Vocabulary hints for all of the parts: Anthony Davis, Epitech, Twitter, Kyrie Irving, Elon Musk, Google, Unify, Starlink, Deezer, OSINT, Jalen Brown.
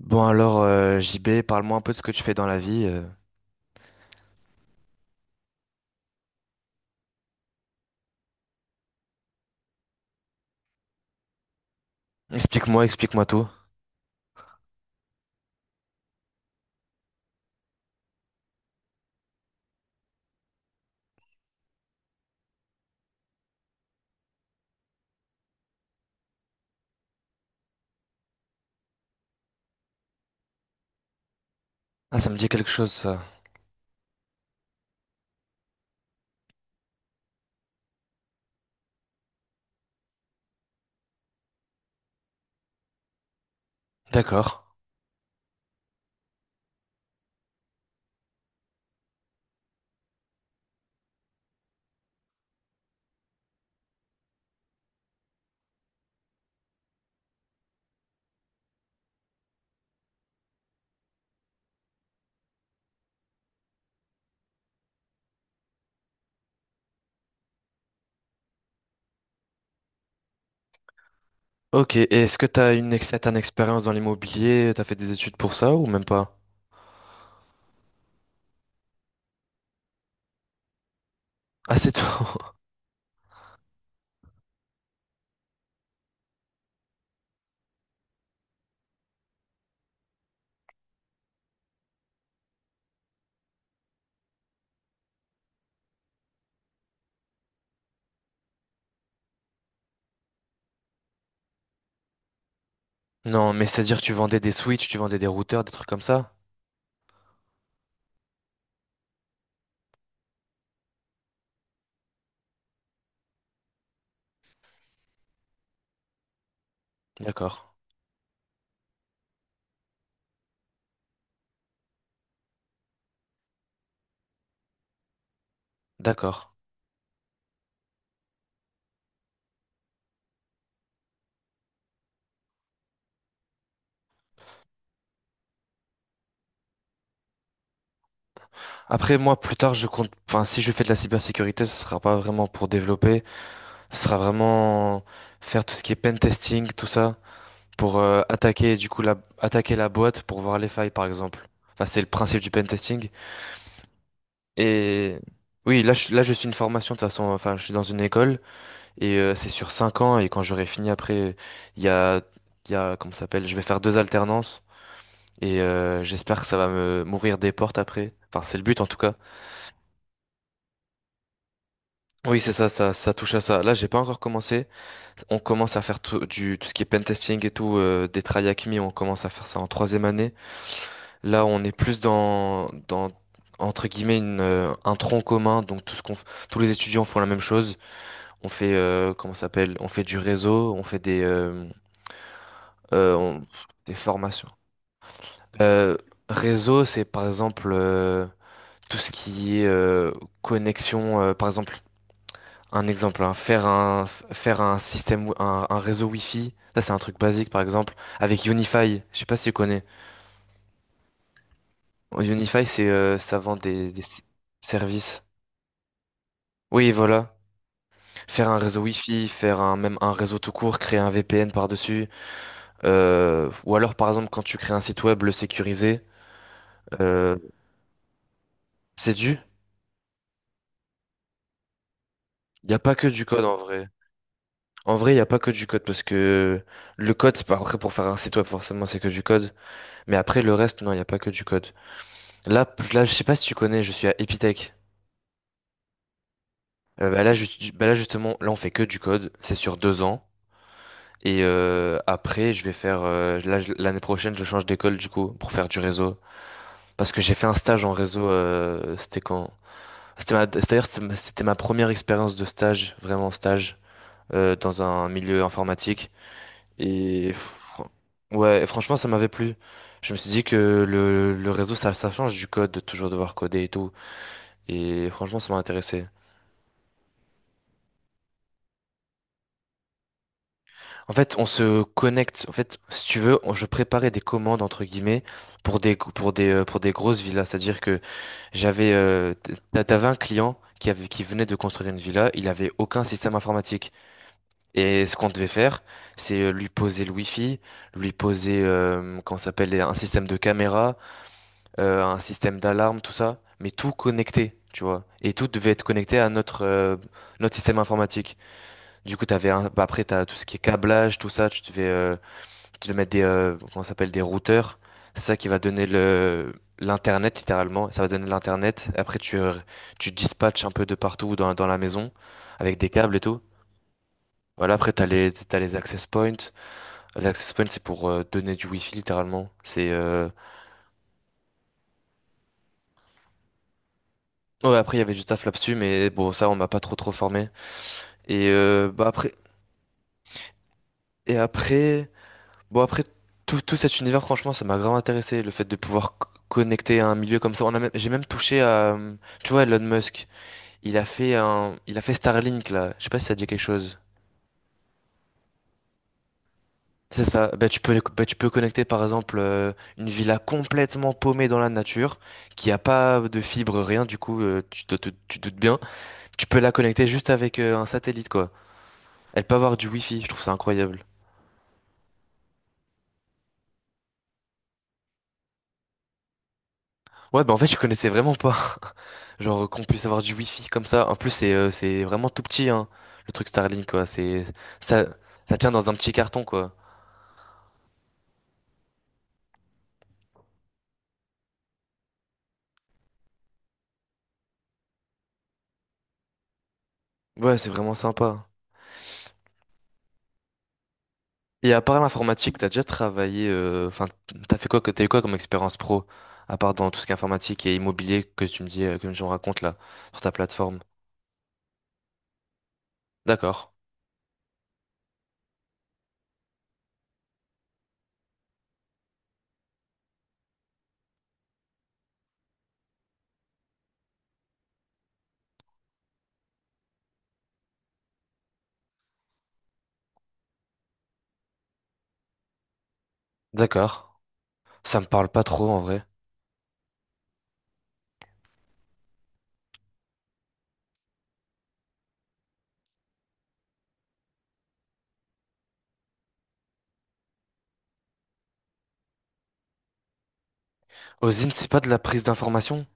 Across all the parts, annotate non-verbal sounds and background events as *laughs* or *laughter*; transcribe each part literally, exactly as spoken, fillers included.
Bon alors, euh, J B, parle-moi un peu de ce que tu fais dans la vie. euh. Explique-moi, explique-moi tout. Ah, ça me dit quelque chose, ça. D'accord. Ok, et est-ce que t'as une, ex- t'as une expérience dans l'immobilier? T'as fait des études pour ça ou même pas? Ah, c'est tout. *laughs* Non, mais c'est-à-dire que tu vendais des switches, tu vendais des routeurs, des trucs comme ça? D'accord. D'accord. Après, moi, plus tard, je compte... Enfin, si je fais de la cybersécurité, ce sera pas vraiment pour développer. Ce sera vraiment faire tout ce qui est pen testing, tout ça, pour euh, attaquer du coup la attaquer la boîte pour voir les failles par exemple. Enfin, c'est le principe du pentesting. Et oui, là je, là je suis une formation de toute façon. Enfin, je suis dans une école et euh, c'est sur cinq ans et quand j'aurai fini après, il y a il y a comment ça s'appelle? Je vais faire deux alternances et euh, j'espère que ça va me m'ouvrir des portes après. Enfin, c'est le but en tout cas. Oui, c'est ça, ça, ça touche à ça. Là, j'ai pas encore commencé. On commence à faire tout, du, tout ce qui est pentesting et tout, euh, des tryhacks me, on commence à faire ça en troisième année. Là, on est plus dans, dans entre guillemets une, euh, un tronc commun. Donc tout ce qu'on, f- tous les étudiants font la même chose. On fait euh, comment ça s'appelle? On fait du réseau. On fait des euh, euh, on- des formations. Euh, Réseau, c'est par exemple euh, tout ce qui est euh, connexion. Euh, par exemple, un exemple, hein, faire un f- faire un système, wi- un, un réseau Wi-Fi. Ça, c'est un truc basique, par exemple, avec Unify. Je sais pas si tu connais. Unify, c'est euh, ça vend des, des s- services. Oui, voilà. Faire un réseau Wi-Fi, faire un, même un réseau tout court, créer un V P N par-dessus. Euh, ou alors, par exemple, quand tu crées un site web, le sécuriser. Euh, c'est du. Il n'y a pas que du code en vrai. En vrai, il n'y a pas que du code parce que le code, c'est pas après pour faire un site web, forcément, c'est que du code. Mais après, le reste, non, il n'y a pas que du code. Là, p- là, je sais pas si tu connais, je suis à Epitech. Euh, bah là, juste- bah là, justement, là, on fait que du code. C'est sur deux ans. Et euh, après, je vais faire. Euh, là, je- l'année prochaine, je change d'école, du coup, pour faire du réseau. Parce que j'ai fait un stage en réseau, euh, c'était quand? C'était ma, c'est- d'ailleurs, c'était ma, c'était ma première expérience de stage, vraiment stage, euh, dans un milieu informatique. Et fr- ouais, et franchement, ça m'avait plu. Je me suis dit que le, le réseau, ça, ça change du code, de toujours devoir coder et tout. Et franchement, ça m'a intéressé. En fait, on se connecte. En fait, si tu veux, on- je préparais des commandes, entre guillemets, pour des, pour des, euh, pour des grosses villas. C'est-à-dire que j'avais, euh, t- t'a- t'avais un client qui avait, qui venait de construire une villa, il avait aucun système informatique. Et ce qu'on devait faire, c'est euh, lui poser le wifi, lui poser, euh, comment ça s'appelle, un système de caméra, euh, un système d'alarme, tout ça, mais tout connecté, tu vois. Et tout devait être connecté à notre, euh, notre système informatique. Du coup, t'avais un, bah, après, t'as tout ce qui est câblage, tout ça, tu devais, euh, tu vas mettre des, euh, comment ça s'appelle, des routeurs. C'est ça qui va donner le, l'internet, littéralement. Ça va donner l'internet. Après, tu, euh, tu dispatches un peu de partout dans, dans la maison avec des câbles et tout. Voilà, après, t'as les, t'as les access points. Les access points, c'est pour euh, donner du wifi, littéralement. C'est, euh, ouais, après, il y avait du taf là-dessus, mais bon, ça, on m'a pas trop, trop formé. Et, euh, bah, après, et après, bon, après, tout, tout cet univers, franchement, ça m'a grave intéressé. Le fait de pouvoir c- connecter à un milieu comme ça. On a même- j'ai même touché à, euh, tu vois, Elon Musk. Il a fait un, il a fait Starlink là. Je sais pas si ça te dit quelque chose. C'est ça. Bah, tu peux, bah, tu peux connecter par exemple euh, une villa complètement paumée dans la nature, qui a pas de fibre, rien. Du coup, euh, tu te, te- tu doutes bien. Tu peux la connecter juste avec euh, un satellite quoi. Elle peut avoir du wifi. Je trouve ça incroyable. Ouais, bah en fait, je connaissais vraiment pas. *laughs* Genre qu'on puisse avoir du wifi comme ça. En plus, c'est, euh, c'est vraiment tout petit hein, le truc Starlink quoi. C'est, ça, Ça tient dans un petit carton quoi. Ouais, c'est vraiment sympa. Et à part l'informatique, t'as déjà travaillé, euh, enfin, t'as fait quoi, que- t'as eu quoi comme expérience pro, à part dans tout ce qui est informatique et immobilier que tu me dis, euh, que tu me racontes là, sur ta plateforme. D'accord, d'accord. Ça me parle pas trop en vrai. OSINT, c'est pas de la prise d'information?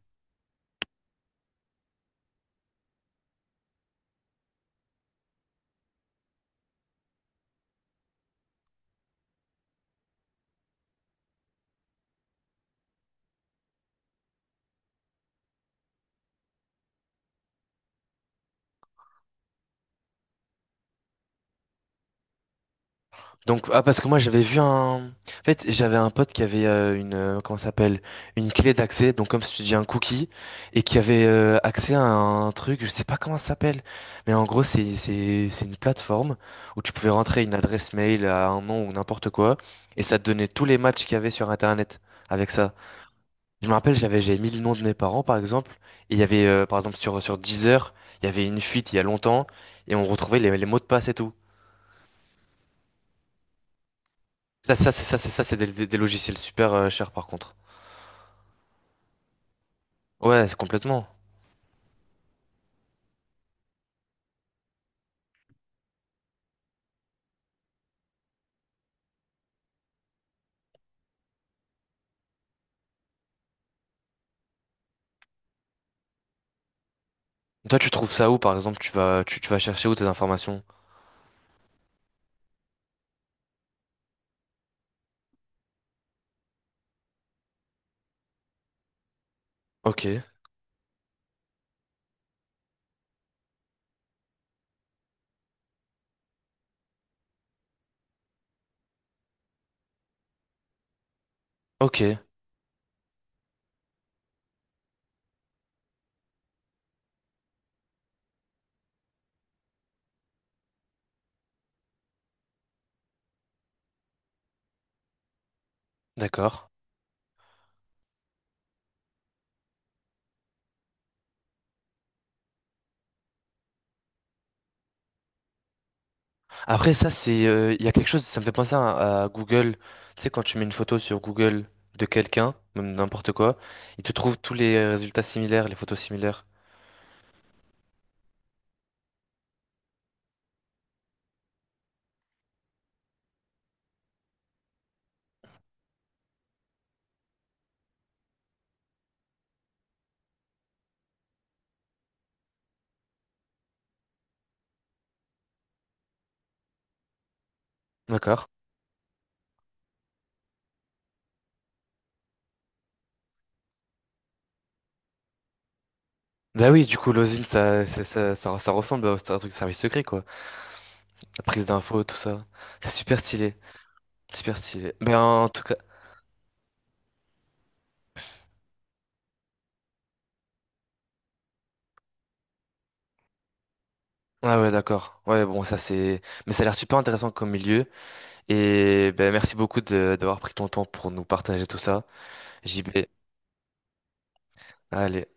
Donc, ah, parce que moi, j'avais vu un... En fait, j'avais un pote qui avait euh, une... euh, Comment ça s'appelle? Une clé d'accès, donc comme si tu dis un cookie, et qui avait euh, accès à un truc, je sais pas comment ça s'appelle, mais en gros, c'est c'est c'est une plateforme où tu pouvais rentrer une adresse mail à un nom ou n'importe quoi, et ça te donnait tous les matchs qu'il y avait sur Internet avec ça. Je me rappelle, j'avais j'avais mis le nom de mes parents, par exemple, et il y avait, euh, par exemple, sur, sur Deezer, il y avait une fuite il y a longtemps, et on retrouvait les, les mots de passe et tout. Ça, ça, c'est ça, c'est ça, c'est des, des- des logiciels super euh, chers par contre. Ouais, c'est complètement. Toi, tu trouves ça où, par exemple, tu vas, tu, tu vas chercher où tes informations? Ok, ok, d'accord. Après, ça, c'est, euh, il y a quelque chose, ça me fait penser à, à Google. Tu sais, quand tu mets une photo sur Google de quelqu'un, même n'importe quoi, il te trouve tous les résultats similaires, les photos similaires. D'accord. Bah oui, du coup, l'osine, ça, ça, ça, ça, ça ressemble à un truc service secret, quoi. La prise d'infos, tout ça. C'est super stylé. Super stylé. Mais en tout cas. Ah ouais, d'accord. Ouais, bon, ça c'est... Mais ça a l'air super intéressant comme milieu. Et ben, merci beaucoup de d'avoir pris ton temps pour nous partager tout ça. J B, allez.